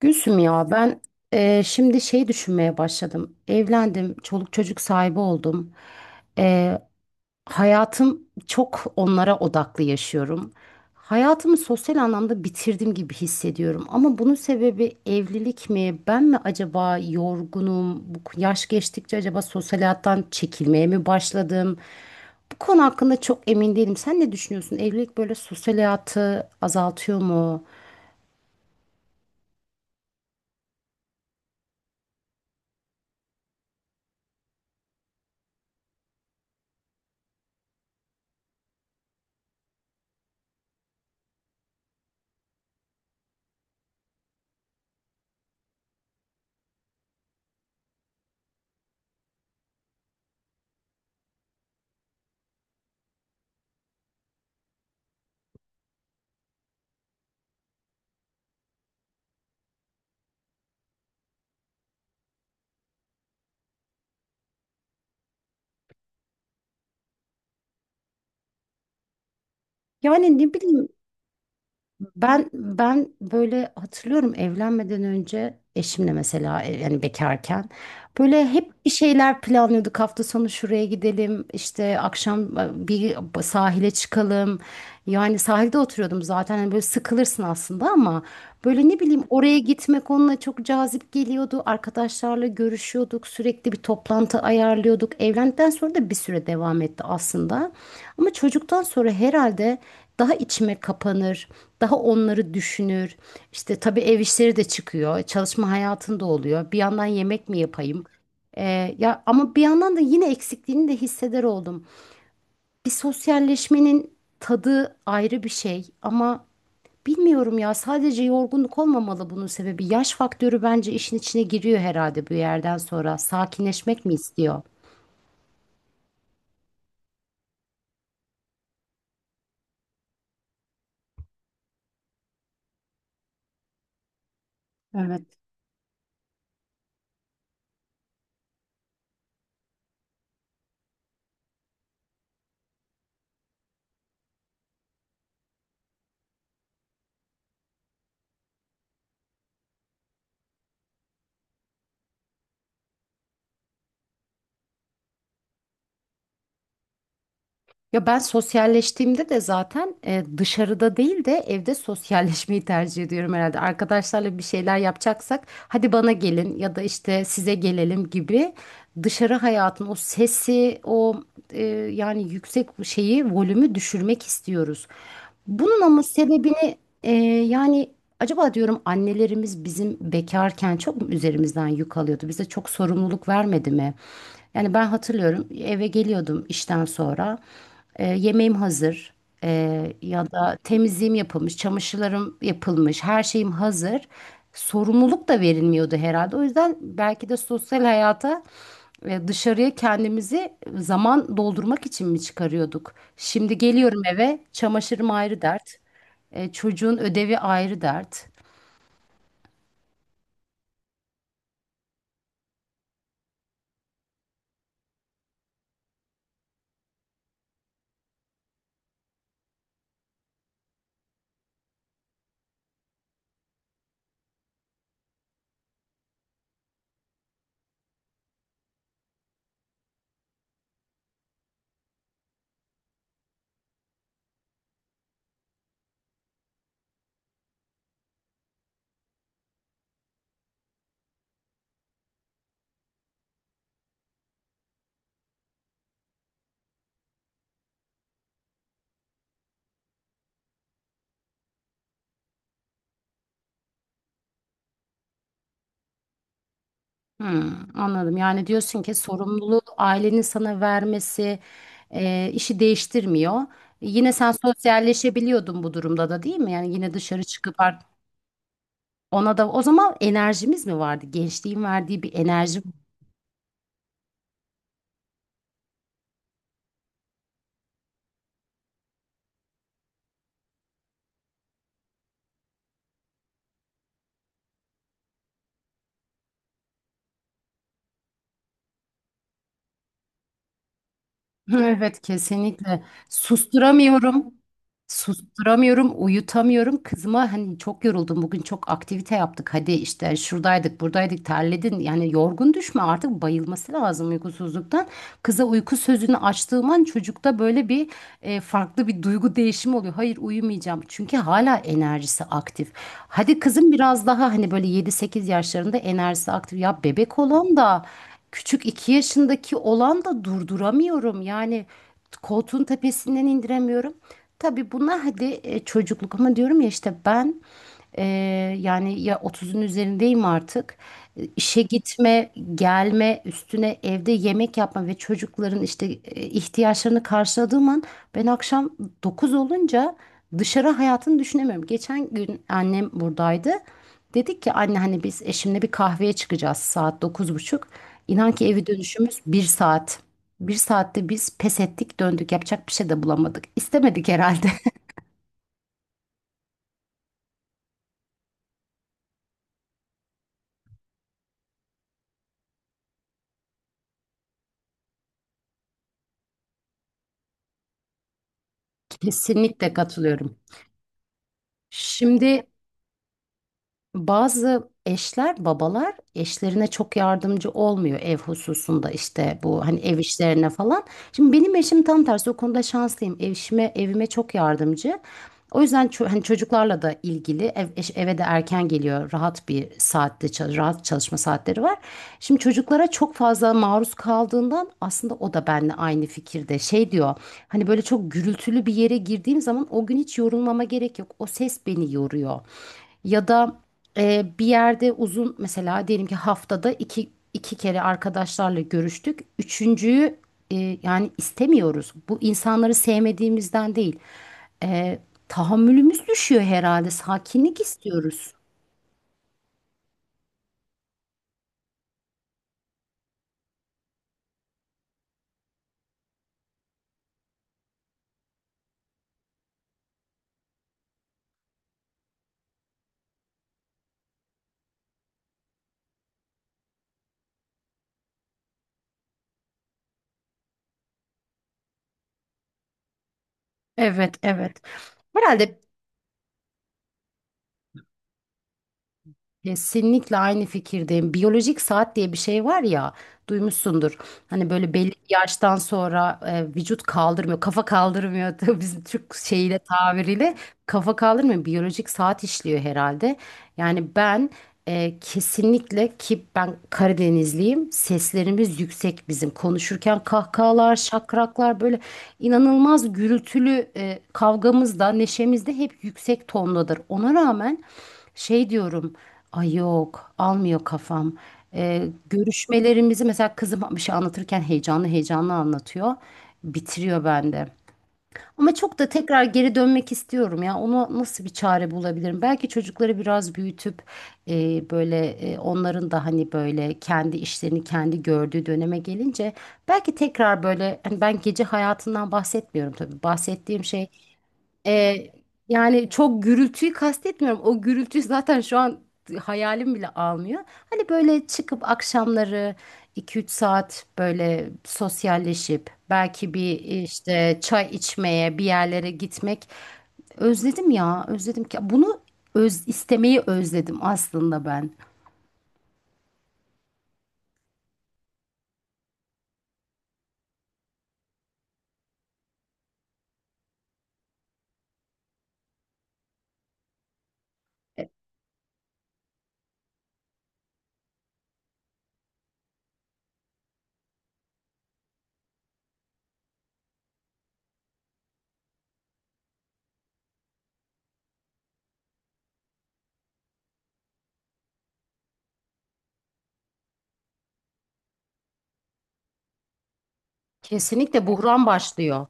Gülsüm ya ben şimdi şey düşünmeye başladım. Evlendim, çoluk çocuk sahibi oldum. Eee, hayatım çok onlara odaklı yaşıyorum. Hayatımı sosyal anlamda bitirdim gibi hissediyorum. Ama bunun sebebi evlilik mi? Ben mi acaba yorgunum? Bu yaş geçtikçe acaba sosyal hayattan çekilmeye mi başladım? Bu konu hakkında çok emin değilim. Sen ne düşünüyorsun? Evlilik böyle sosyal hayatı azaltıyor mu? Yani ne bileyim. Ben böyle hatırlıyorum evlenmeden önce eşimle mesela yani bekarken böyle hep bir şeyler planlıyorduk. Hafta sonu şuraya gidelim, işte akşam bir sahile çıkalım. Yani sahilde oturuyordum zaten hani böyle sıkılırsın aslında ama böyle ne bileyim oraya gitmek onunla çok cazip geliyordu. Arkadaşlarla görüşüyorduk. Sürekli bir toplantı ayarlıyorduk. Evlendikten sonra da bir süre devam etti aslında. Ama çocuktan sonra herhalde daha içime kapanır, daha onları düşünür. İşte tabii ev işleri de çıkıyor. Çalışma hayatında oluyor. Bir yandan yemek mi yapayım? Ya ama bir yandan da yine eksikliğini de hisseder oldum. Bir sosyalleşmenin tadı ayrı bir şey ama bilmiyorum ya sadece yorgunluk olmamalı bunun sebebi. Yaş faktörü bence işin içine giriyor herhalde bu yerden sonra. Sakinleşmek mi istiyor? Evet. Ya ben sosyalleştiğimde de zaten dışarıda değil de evde sosyalleşmeyi tercih ediyorum herhalde. Arkadaşlarla bir şeyler yapacaksak hadi bana gelin ya da işte size gelelim gibi dışarı hayatın o sesi o yani yüksek şeyi volümü düşürmek istiyoruz. Bunun ama sebebini e, yani acaba diyorum annelerimiz bizim bekarken çok mu üzerimizden yük alıyordu? Bize çok sorumluluk vermedi mi? Yani ben hatırlıyorum eve geliyordum işten sonra. Yemeğim hazır. E, ya da temizliğim yapılmış, çamaşırlarım yapılmış, her şeyim hazır. Sorumluluk da verilmiyordu herhalde. O yüzden belki de sosyal hayata dışarıya kendimizi zaman doldurmak için mi çıkarıyorduk? Şimdi geliyorum eve, çamaşırım ayrı dert, çocuğun ödevi ayrı dert. Hmm, anladım. Yani diyorsun ki sorumluluğu ailenin sana vermesi işi değiştirmiyor. Yine sen sosyalleşebiliyordun bu durumda da değil mi? Yani yine dışarı çıkıp ona da o zaman enerjimiz mi vardı? Gençliğin verdiği bir enerji. Evet, kesinlikle. Susturamıyorum. Susturamıyorum, uyutamıyorum. Kızıma hani çok yoruldum bugün, çok aktivite yaptık. Hadi işte şuradaydık, buradaydık, terledin. Yani yorgun düşme artık, bayılması lazım uykusuzluktan. Kıza uyku sözünü açtığım an çocukta böyle bir farklı bir duygu değişimi oluyor. Hayır, uyumayacağım. Çünkü hala enerjisi aktif. Hadi kızım biraz daha, hani böyle 7-8 yaşlarında enerjisi aktif. Ya bebek olan da küçük 2 yaşındaki olan da durduramıyorum. Yani koltuğun tepesinden indiremiyorum. Tabii bunlar hadi çocukluk ama diyorum ya, işte ben e, yani ya 30'un üzerindeyim artık. İşe gitme, gelme, üstüne evde yemek yapma ve çocukların işte ihtiyaçlarını karşıladığım an ben akşam 9 olunca dışarı hayatını düşünemiyorum. Geçen gün annem buradaydı. Dedik ki anne, hani biz eşimle bir kahveye çıkacağız saat 9.30. İnan ki evi dönüşümüz bir saat. Bir saatte biz pes ettik, döndük. Yapacak bir şey de bulamadık. İstemedik herhalde. Kesinlikle katılıyorum. Şimdi, bazı eşler, babalar eşlerine çok yardımcı olmuyor ev hususunda, işte bu hani ev işlerine falan. Şimdi benim eşim tam tersi, o konuda şanslıyım. Eşime, evime çok yardımcı. O yüzden hani çocuklarla da ilgili, ev, eve de erken geliyor. Rahat bir saatte, rahat çalışma saatleri var. Şimdi çocuklara çok fazla maruz kaldığından aslında o da benimle aynı fikirde. Şey diyor. Hani böyle çok gürültülü bir yere girdiğim zaman o gün hiç yorulmama gerek yok. O ses beni yoruyor. Ya da bir yerde uzun, mesela diyelim ki haftada iki kere arkadaşlarla görüştük. Üçüncüyü e, yani istemiyoruz. Bu insanları sevmediğimizden değil. Ee, tahammülümüz düşüyor herhalde. Sakinlik istiyoruz. Evet, evet. Herhalde. Kesinlikle aynı fikirdeyim. Biyolojik saat diye bir şey var ya, duymuşsundur. Hani böyle belli bir yaştan sonra vücut kaldırmıyor, kafa kaldırmıyor. Tabii bizim Türk şeyiyle, tabiriyle kafa kaldırmıyor. Biyolojik saat işliyor herhalde. Yani ben kesinlikle, ki ben Karadenizliyim. Seslerimiz yüksek bizim. Konuşurken kahkahalar, şakraklar, böyle inanılmaz gürültülü kavgamız da neşemiz de hep yüksek tondadır. Ona rağmen şey diyorum. Ay, yok, almıyor kafam. Görüşmelerimizi mesela, kızım bir şey anlatırken heyecanlı heyecanlı anlatıyor. Bitiriyor bende. Ama çok da tekrar geri dönmek istiyorum ya. Ona nasıl bir çare bulabilirim? Belki çocukları biraz büyütüp böyle, onların da hani böyle kendi işlerini kendi gördüğü döneme gelince belki tekrar böyle, hani ben gece hayatından bahsetmiyorum tabii. Bahsettiğim şey ee, yani çok gürültüyü kastetmiyorum. O gürültüyü zaten şu an hayalim bile almıyor. Hani böyle çıkıp akşamları 2-3 saat böyle sosyalleşip belki bir, işte çay içmeye bir yerlere gitmek, özledim ya, özledim ki bunu istemeyi özledim aslında ben. Kesinlikle buhran başlıyor.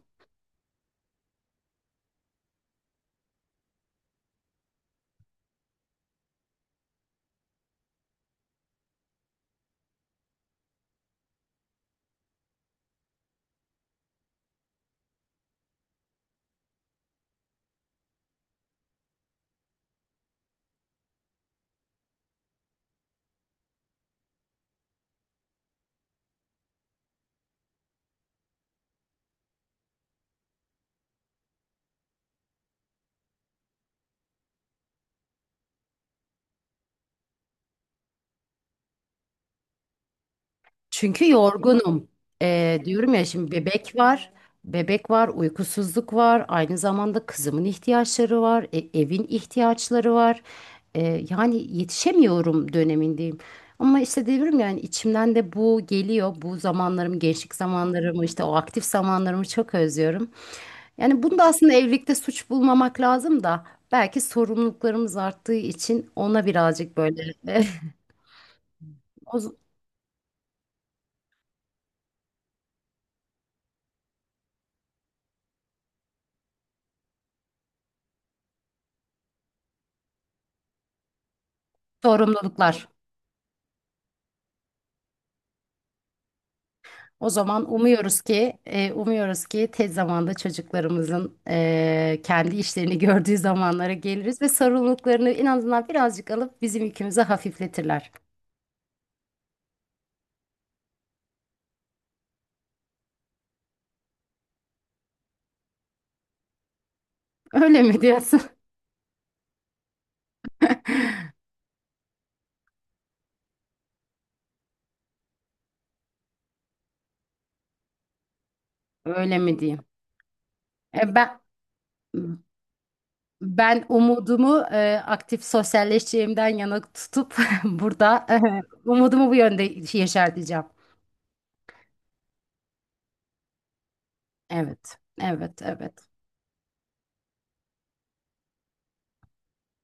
Çünkü yorgunum. Diyorum ya, şimdi bebek var. Bebek var, uykusuzluk var. Aynı zamanda kızımın ihtiyaçları var. Evin ihtiyaçları var. Yani yetişemiyorum dönemindeyim. Ama işte diyorum, yani içimden de bu geliyor. Bu zamanlarım, gençlik zamanlarımı, işte o aktif zamanlarımı çok özlüyorum. Yani bunu da aslında evlilikte suç bulmamak lazım da belki sorumluluklarımız arttığı için ona birazcık böyle o sorumluluklar. O zaman umuyoruz ki tez zamanda çocuklarımızın kendi işlerini gördüğü zamanlara geliriz ve sorumluluklarını en azından birazcık alıp bizim yükümüzü hafifletirler. Öyle mi diyorsun? Öyle mi diyeyim? E, ben ben umudumu aktif sosyalleşeceğimden yana tutup burada umudumu bu yönde yeşerteceğim. Evet, evet, evet.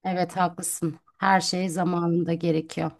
Evet, haklısın. Her şey zamanında gerekiyor.